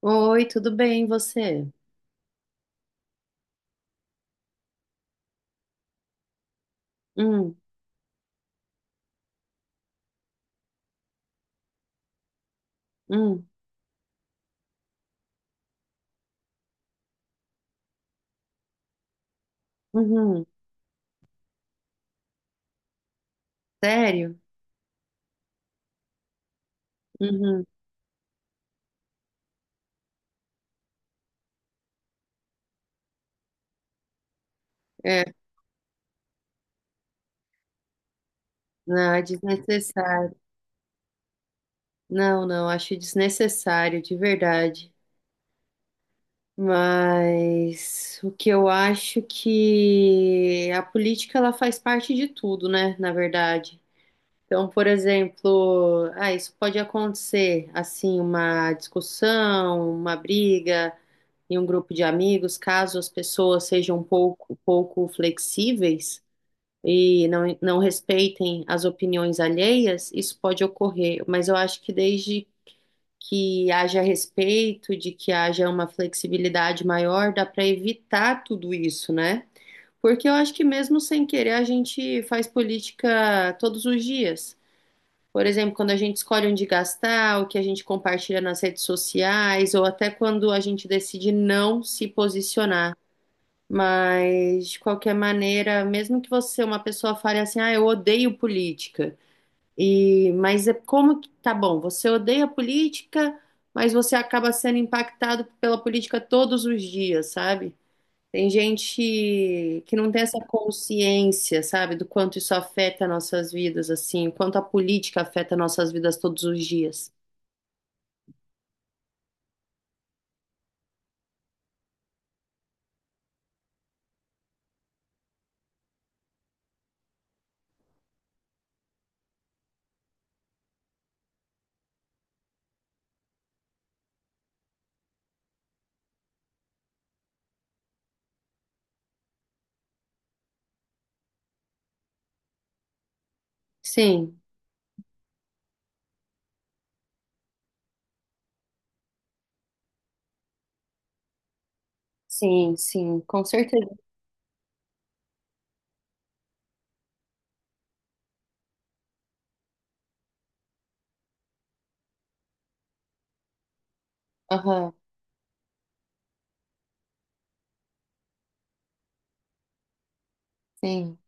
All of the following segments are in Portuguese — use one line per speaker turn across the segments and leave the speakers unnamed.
Oi, tudo bem, e você? Hum, hum, uhum. Sério? Uhum. É, não, é desnecessário. Não, acho desnecessário, de verdade. Mas o que eu acho que a política ela faz parte de tudo, né, na verdade. Então, por exemplo, ah, isso pode acontecer, assim, uma discussão, uma briga em um grupo de amigos, caso as pessoas sejam pouco flexíveis. E não respeitem as opiniões alheias, isso pode ocorrer, mas eu acho que desde que haja respeito, de que haja uma flexibilidade maior, dá para evitar tudo isso, né? Porque eu acho que mesmo sem querer a gente faz política todos os dias. Por exemplo, quando a gente escolhe onde gastar, o que a gente compartilha nas redes sociais, ou até quando a gente decide não se posicionar. Mas, de qualquer maneira, mesmo que você, uma pessoa, fale assim, ah, eu odeio política. E, mas é como que, tá bom, você odeia política, mas você acaba sendo impactado pela política todos os dias, sabe? Tem gente que não tem essa consciência, sabe, do quanto isso afeta nossas vidas, assim, o quanto a política afeta nossas vidas todos os dias. Sim, sim, sim, com certeza. Aham, sim.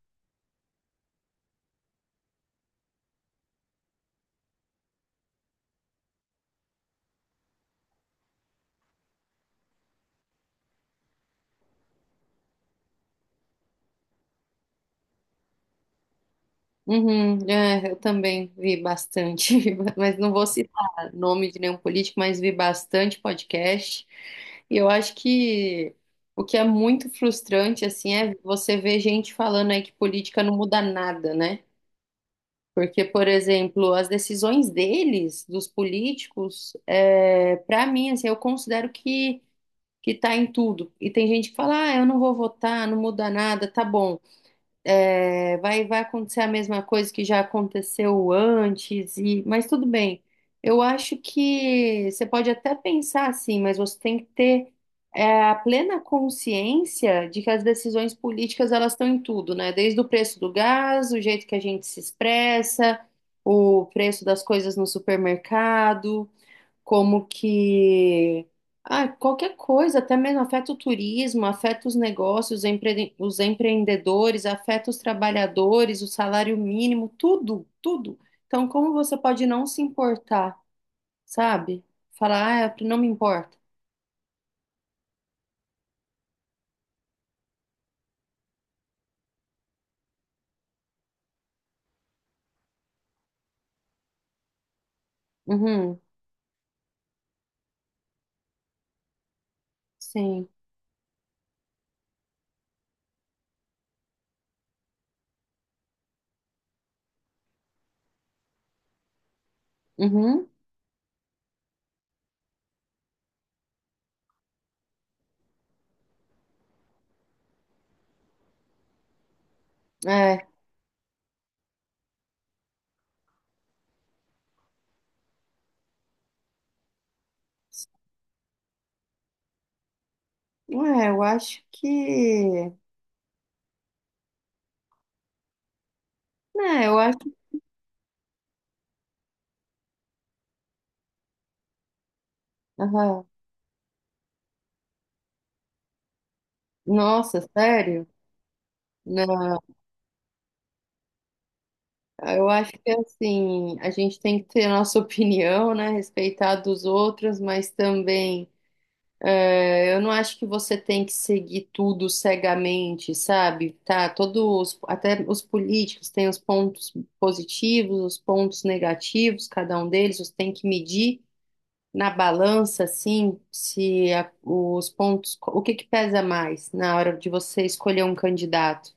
Uhum, é, eu também vi bastante, mas não vou citar nome de nenhum político, mas vi bastante podcast. E eu acho que o que é muito frustrante, assim, é você ver gente falando aí que política não muda nada, né? Porque, por exemplo, as decisões deles, dos políticos, é, para mim, assim, eu considero que tá em tudo. E tem gente que fala, ah, eu não vou votar, não muda nada, tá bom. É, vai acontecer a mesma coisa que já aconteceu antes, e, mas tudo bem. Eu acho que você pode até pensar assim, mas você tem que ter a plena consciência de que as decisões políticas elas estão em tudo, né? Desde o preço do gás, o jeito que a gente se expressa, o preço das coisas no supermercado como que ah, qualquer coisa, até mesmo afeta o turismo, afeta os negócios, os empreendedores, afeta os trabalhadores, o salário mínimo, tudo. Então, como você pode não se importar, sabe? Falar, ah, eu não me importa. Uhum, sim. Uhum, é. Ué, eu acho que. É, eu acho. Aham. Nossa, sério? Né? Ah, eu acho que assim, a gente tem que ter a nossa opinião, né? Respeitar a dos outros, mas também eu não acho que você tem que seguir tudo cegamente, sabe? Tá, todos, até os políticos têm os pontos positivos, os pontos negativos, cada um deles, você tem que medir na balança, assim, se a- os pontos, o que que pesa mais na hora de você escolher um candidato.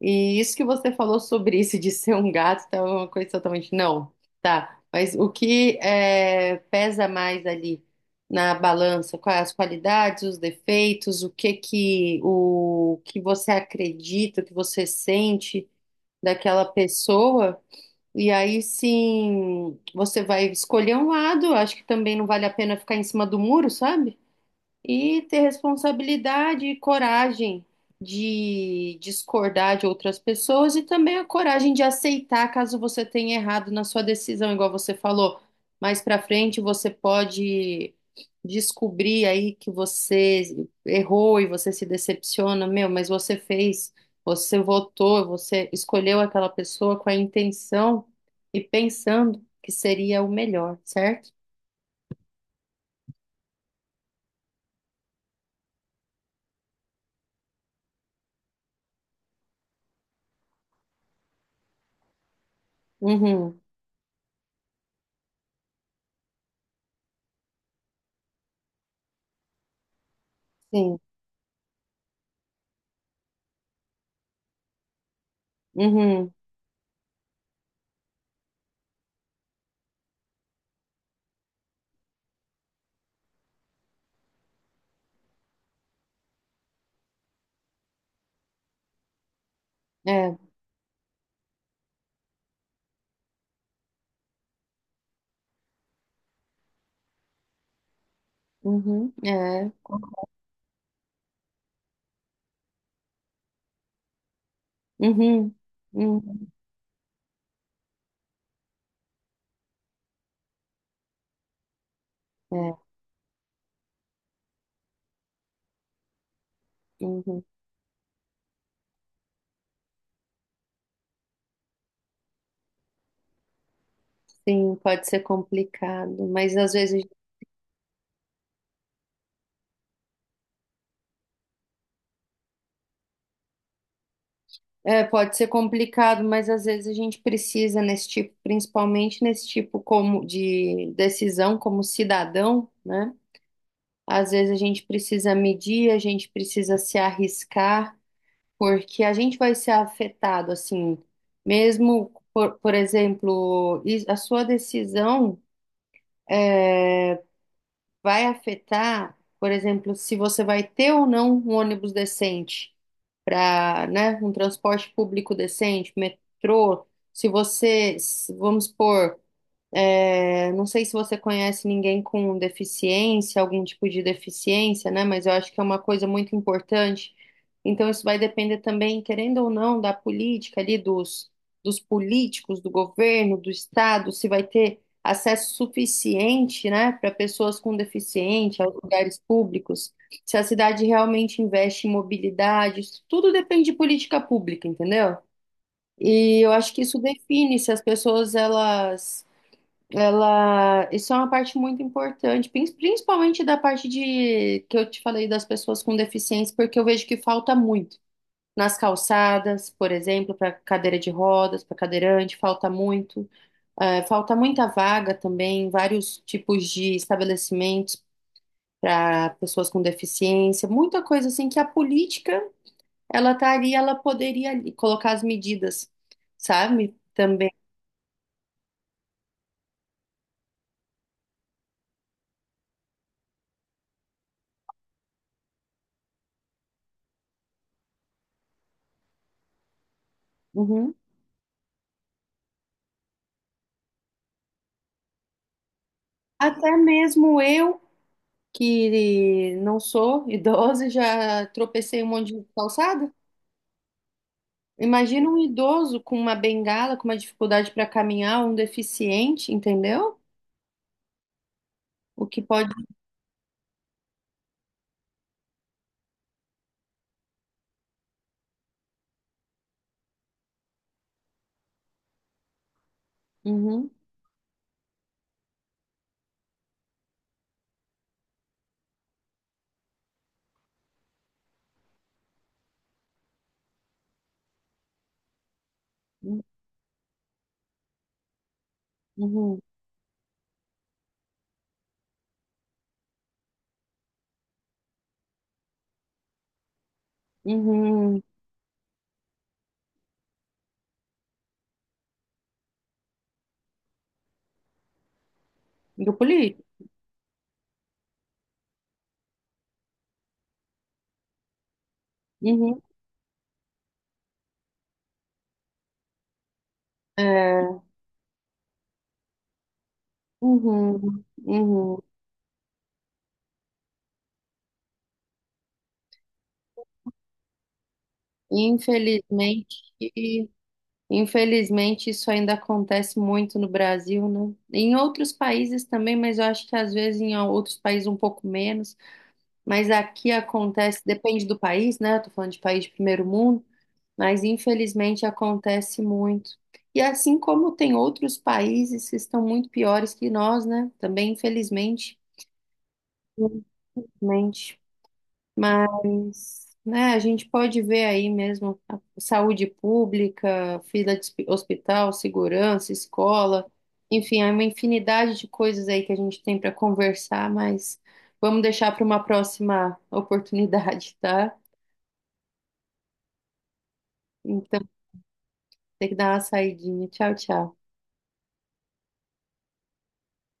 E isso que você falou sobre isso de ser um gato tá é uma coisa totalmente. Não, tá. Mas o que é, pesa mais ali na balança? Quais as qualidades, os defeitos, o que você acredita, o que você sente daquela pessoa? E aí sim, você vai escolher um lado. Acho que também não vale a pena ficar em cima do muro, sabe? E ter responsabilidade e coragem de discordar de outras pessoas e também a coragem de aceitar caso você tenha errado na sua decisão, igual você falou. Mais pra frente você pode descobrir aí que você errou e você se decepciona, meu, mas você fez, você votou, você escolheu aquela pessoa com a intenção e pensando que seria o melhor, certo? Uhum, sim. Uhum, é. Uhum, é. Uhum, uhum, é. Uhum. Sim, pode ser complicado, mas às vezes a gente precisa nesse tipo, principalmente nesse tipo como de decisão como cidadão, né? Às vezes a gente precisa medir, a gente precisa se arriscar, porque a gente vai ser afetado, assim, mesmo por exemplo, a sua decisão. É, vai afetar, por exemplo, se você vai ter ou não um ônibus decente para, né, um transporte público decente, metrô, se você, vamos supor, é, não sei se você conhece ninguém com deficiência, algum tipo de deficiência, né? Mas eu acho que é uma coisa muito importante. Então, isso vai depender também, querendo ou não, da política ali, dos políticos, do governo, do Estado, se vai ter acesso suficiente, né, para pessoas com deficiência aos lugares públicos, se a cidade realmente investe em mobilidade, isso tudo depende de política pública, entendeu? E eu acho que isso define se as pessoas elas ela, isso é uma parte muito importante, principalmente da parte de que eu te falei das pessoas com deficiência, porque eu vejo que falta muito nas calçadas, por exemplo, para cadeira de rodas, para cadeirante, falta muito. Falta muita vaga também, vários tipos de estabelecimentos para pessoas com deficiência, muita coisa assim que a política ela tá ali, ela poderia ali colocar as medidas, sabe? Também. Uhum. Até mesmo eu que não sou idosa, e já tropecei um monte de calçada. Imagina um idoso com uma bengala, com uma dificuldade para caminhar, um deficiente, entendeu? O que pode. Uhum, uhum, uhum. Grupo líder. Uhum, é, uhum, uhum. Infelizmente, infelizmente isso ainda acontece muito no Brasil, né? Em outros países também, mas eu acho que às vezes em outros países um pouco menos. Mas aqui acontece, depende do país, né? Eu tô falando de país de primeiro mundo, mas infelizmente acontece muito. E assim como tem outros países que estão muito piores que nós, né? Também, infelizmente, infelizmente. Mas, né, a gente pode ver aí mesmo a saúde pública, fila de hospital, segurança, escola, enfim, há uma infinidade de coisas aí que a gente tem para conversar, mas vamos deixar para uma próxima oportunidade, tá? Então, tem que dar uma saidinha. Tchau, tchau.